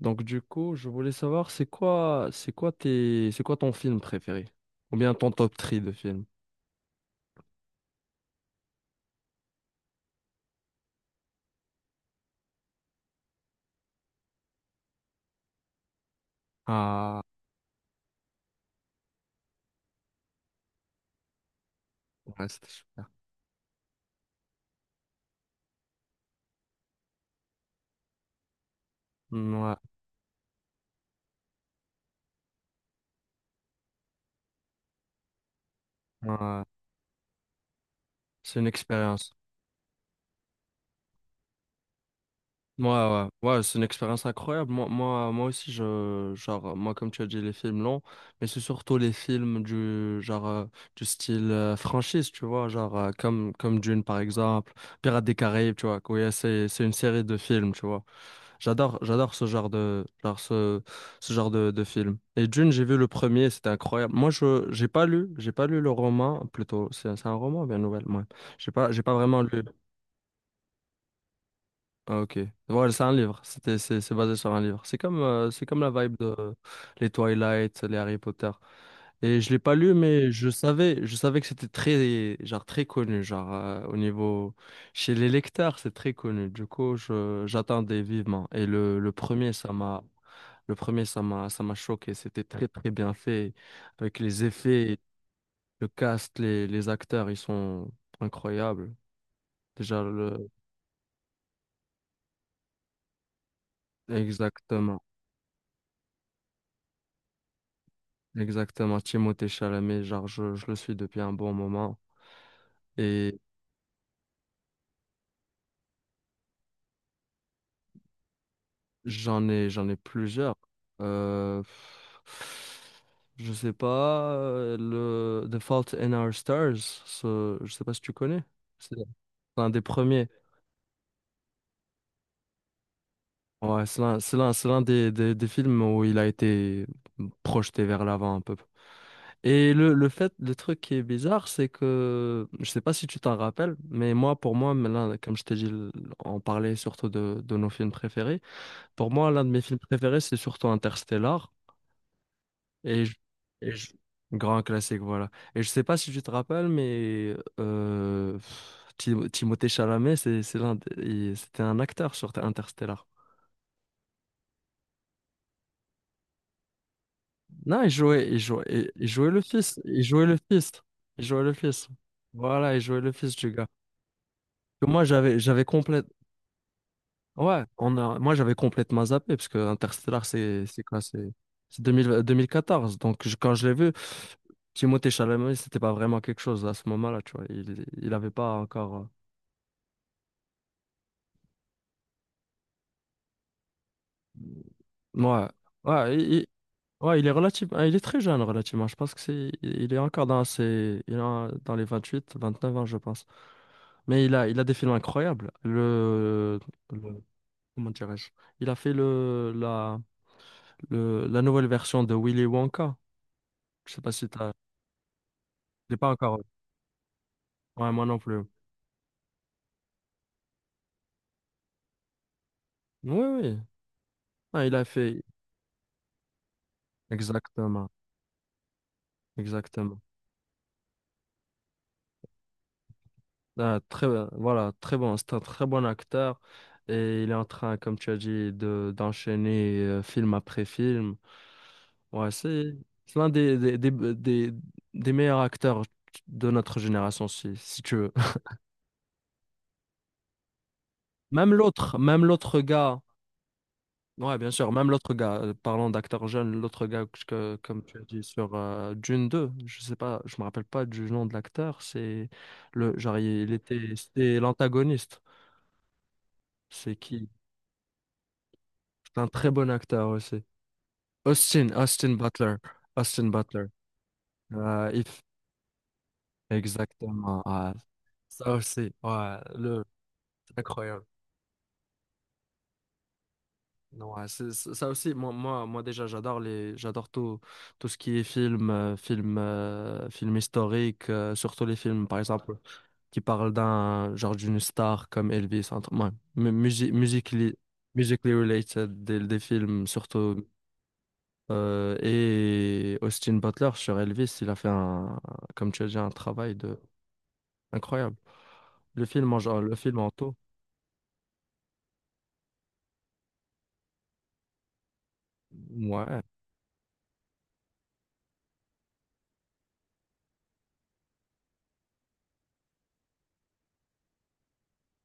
Donc du coup, je voulais savoir c'est quoi ton film préféré? Ou bien ton top 3 de films? Ah ouais, c'était super. Mm, ouais, ouais. C'est une expérience. Ouais, ouais, ouais, c'est une expérience incroyable. Moi aussi, genre, moi, comme tu as dit, les films longs, mais c'est surtout les films genre, du style franchise, tu vois, genre, comme Dune, par exemple, Pirates des Caraïbes, tu vois, quoi, ouais, c'est une série de films, tu vois. J'adore ce genre de film. Et Dune, j'ai vu le premier, c'était incroyable. Moi, j'ai pas lu le roman, plutôt. C'est un roman ou bien une nouvelle? Ouais. J'ai pas vraiment lu. Ah, ok. Ouais, c'est un livre. C'est basé sur un livre. C'est comme la vibe de les Twilight, les Harry Potter. Et je l'ai pas lu, mais je savais que c'était très, genre très connu, genre au niveau chez les lecteurs, c'est très connu. Du coup, j'attendais vivement. Et le premier, ça m'a choqué. C'était très, très bien fait. Avec les effets, le cast, les acteurs, ils sont incroyables. Déjà. Exactement. Exactement. Timothée Chalamet, genre, je le suis depuis un bon moment. Et j'en ai plusieurs. Euh... Je sais pas, le The Fault in Our Stars, je sais pas si tu connais. C'est c'est un des premiers. Ouais, c'est l'un des films où il a été projeté vers l'avant un peu. Et le truc qui est bizarre, c'est que, je sais pas si tu t'en rappelles, mais moi, pour moi, mais là, comme je t'ai dit, on parlait surtout de nos films préférés. Pour moi, l'un de mes films préférés, c'est surtout Interstellar. Et je- et je- Grand classique, voilà. Et je sais pas si tu te rappelles, mais Timothée Chalamet, c'est l'un, des- il- c'était un acteur sur Interstellar. Non, il jouait le fils, il jouait le fils, il jouait le fils Voilà, il jouait le fils du gars. Que Moi, ouais, j'avais complètement zappé parce que Interstellar, c'est 2000 2014. Donc, quand je l'ai vu, Timothée Chalamet, c'était pas vraiment quelque chose à ce moment-là, tu vois. Il avait pas encore, ouais, ouais, ouais, il est très jeune relativement. Je pense que il est encore dans ses, il est en- dans les 28, 29 ans, je pense. Mais il a des films incroyables. Le- Comment dirais-je? Il a fait la nouvelle version de Willy Wonka. Je sais pas si t'as. Je l'ai pas encore. Ouais, moi non plus. Oui, oui. Ah, il a fait. Exactement. Exactement. Ah, voilà, très bon. C'est un très bon acteur. Et il est en train, comme tu as dit, d'enchaîner film après film. Ouais, c'est l'un des meilleurs acteurs de notre génération, si tu veux. Même l'autre gars, ouais, bien sûr, même l'autre gars, parlant d'acteur jeune, l'autre gars, comme tu as dit, sur Dune 2, je sais pas, je me rappelle pas du nom de l'acteur, c'est le, genre, il était, c'était l'antagoniste, c'est qui? C'est un très bon acteur aussi. Austin, Austin Butler, Austin Butler. Euh, if- exactement, ouais. Ça aussi, ouais, c'est incroyable. Ouais, ça aussi, moi déjà, j'adore tout, tout ce qui est film, film historique, surtout les films, par exemple, qui parlent d'un, genre d'une star comme Elvis, ouais, musically related, des films, surtout, et Austin Butler sur Elvis, il a fait comme tu as dit, un travail incroyable. Le film en tout, ouais,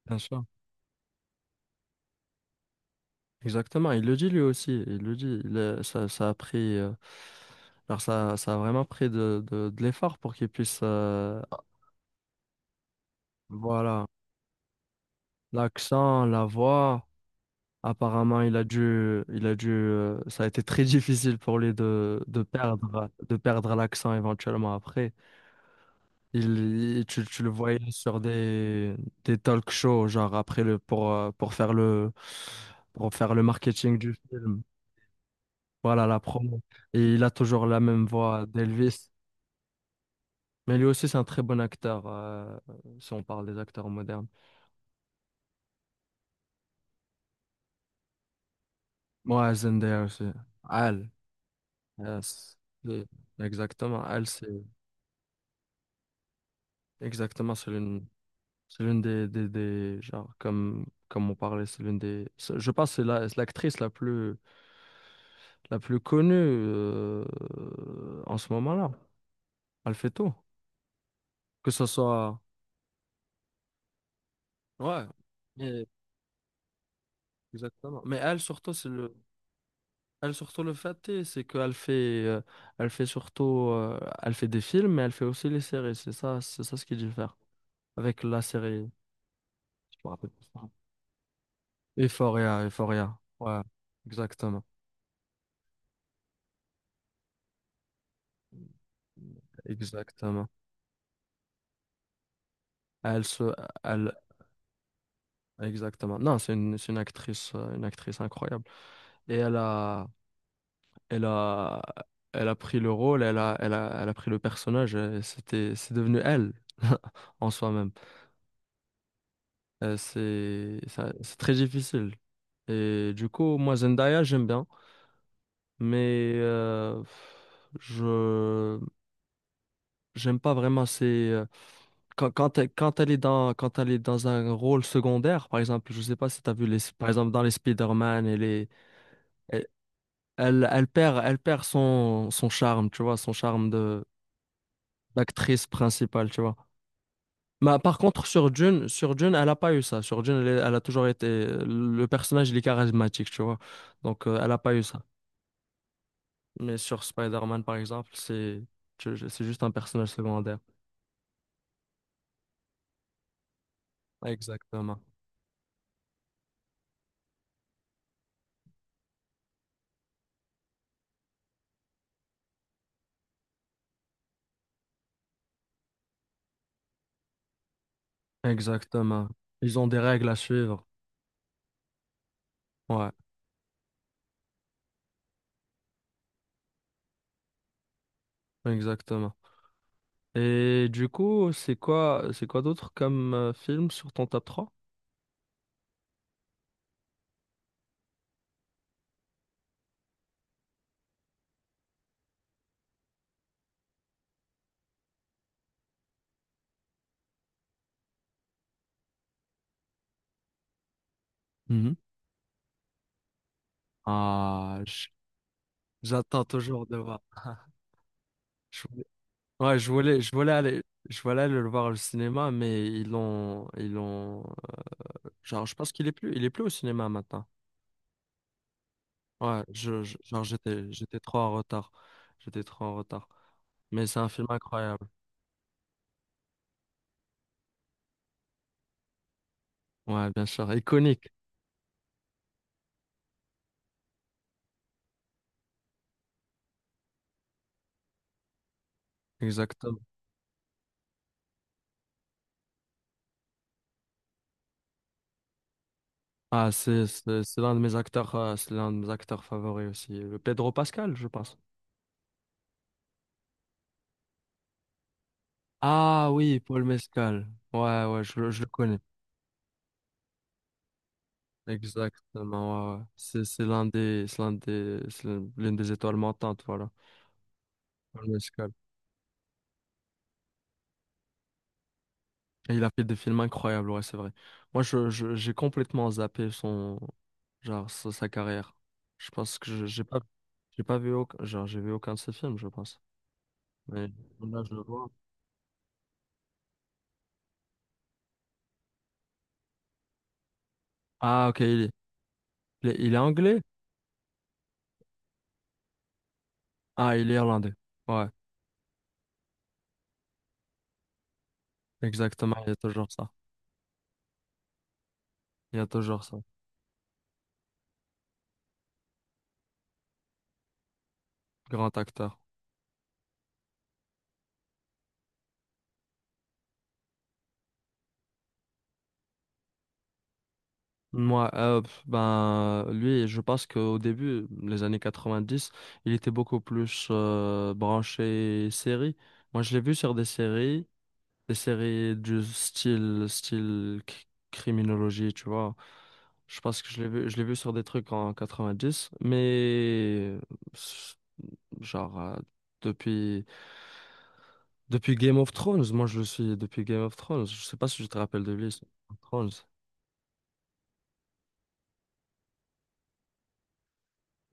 bien sûr. Exactement, il le dit lui aussi, il le dit, il a- ça a pris, alors ça a vraiment pris de l'effort pour qu'il puisse, voilà, l'accent, la voix, apparemment il a dû, ça a été très difficile pour lui de perdre l'accent éventuellement après. Tu le voyais sur des talk shows, genre pour faire le marketing du film. Voilà la promo. Et il a toujours la même voix d'Elvis. Mais lui aussi, c'est un très bon acteur, si on parle des acteurs modernes. Moi, Zendaya aussi. Elle, yes. Le- Exactement. Elle, exactement, c'est l'une, c'est l'une des, genre, comme on parlait, c'est l'une des, c'est- je pense, c'est l'actrice la plus connue, en ce moment-là. Elle fait tout. Que ce soit, ouais, mais- exactement. Mais elle, surtout, elle surtout le fait, c'est qu'elle fait, euh, elle fait surtout, elle fait des films, mais elle fait aussi les séries. C'est ça, ce qui diffère avec la série. Je me rappelle plus. Euphoria, Euphoria. Ouais, exactement, exactement. Elle se, elle, exactement. Non, c'est une actrice incroyable. Et elle a, elle a pris le rôle, elle a pris le personnage. Et c'est devenu elle en soi-même. C'est très difficile. Et du coup, moi, Zendaya, j'aime bien, mais je j'aime pas vraiment ses quand elle est dans un rôle secondaire, par exemple, je sais pas si tu as vu les par exemple dans les Spider-Man, elle est elle, elle, elle perd son charme, tu vois, son charme de d'actrice principale, tu vois. Bah, par contre, sur June, elle a pas eu ça. Sur June, elle a toujours été. Le personnage, il est charismatique, tu vois. Donc, elle a pas eu ça. Mais sur Spider-Man, par exemple, c'est juste un personnage secondaire. Exactement. Exactement. Ils ont des règles à suivre. Ouais, exactement. Et du coup, c'est quoi d'autre comme film sur ton top 3. Mhm. Ah, j'attends toujours de voir. Ouais, je voulais aller le voir au cinéma, mais ils l'ont, genre, je pense qu'il est plus au cinéma maintenant. Ouais, genre, j'étais trop en retard. J'étais trop en retard. Mais c'est un film incroyable. Ouais, bien sûr, iconique. Exactement. Ah, c'est l'un de mes acteurs favoris aussi. Le Pedro Pascal, je pense. Ah oui, Paul Mescal. Ouais, ouais, je le connais. Exactement, ouais, ouais. C'est l'une des étoiles montantes, voilà. Paul Mescal. Et il a fait des films incroyables, ouais, c'est vrai. Moi, j'ai complètement zappé genre, sa carrière. Je pense que j'ai pas vu aucun de ses films, je pense. Mais là, je le vois. Ah, ok, il est anglais? Ah, il est irlandais. Ouais, exactement, il y a toujours ça. Il y a toujours ça. Grand acteur. Moi, pff, ben, lui, je pense qu'au début, les années 90 il était beaucoup plus branché série. Moi, je l'ai vu sur des séries. Des séries du style criminologie, tu vois. Je pense que je l'ai vu sur des trucs en 90 mais s- genre depuis, depuis Game of Thrones, moi je le suis depuis Game of Thrones. Je sais pas si tu te rappelles de lui, sur Game of Thrones.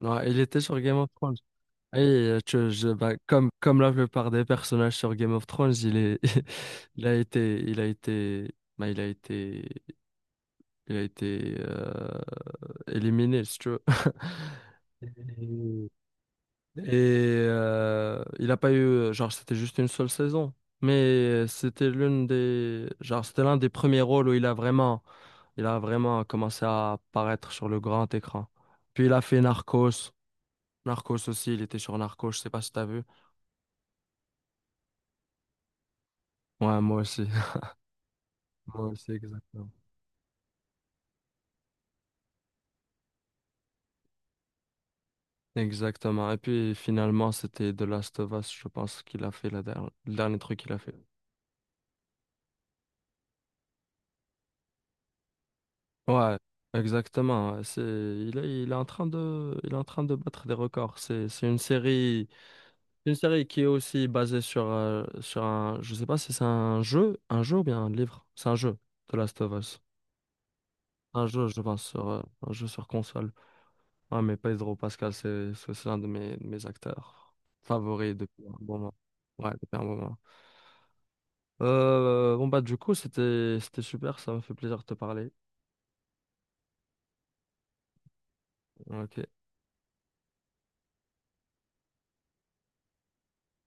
Non, il était sur Game of Thrones. Et bah, comme la plupart des personnages sur Game of Thrones, il il il a été éliminé, si tu veux. Et il a pas eu, genre, c'était juste une seule saison. Mais c'était l'un des premiers rôles où il a vraiment commencé à apparaître sur le grand écran. Puis il a fait Narcos. Narcos aussi, il était sur Narcos, je sais pas si t'as vu. Ouais, moi aussi. Moi aussi, exactement. Exactement. Et puis finalement, c'était The Last of Us, je pense qu'il a fait le dernier truc qu'il a fait. Ouais, exactement. Ouais. C'est, il est en train de, il est en train de battre des records. C'est une série qui est aussi basée sur je sais pas si c'est un jeu ou bien un livre. C'est un jeu, The Last of Us. Un jeu, je pense, sur, un jeu sur console. Ouais, mais Pedro Pascal, c'est l'un de de mes acteurs favoris depuis un moment. Ouais, depuis un moment. Bon bah du coup, c'était super. Ça m'a fait plaisir de te parler. Ok.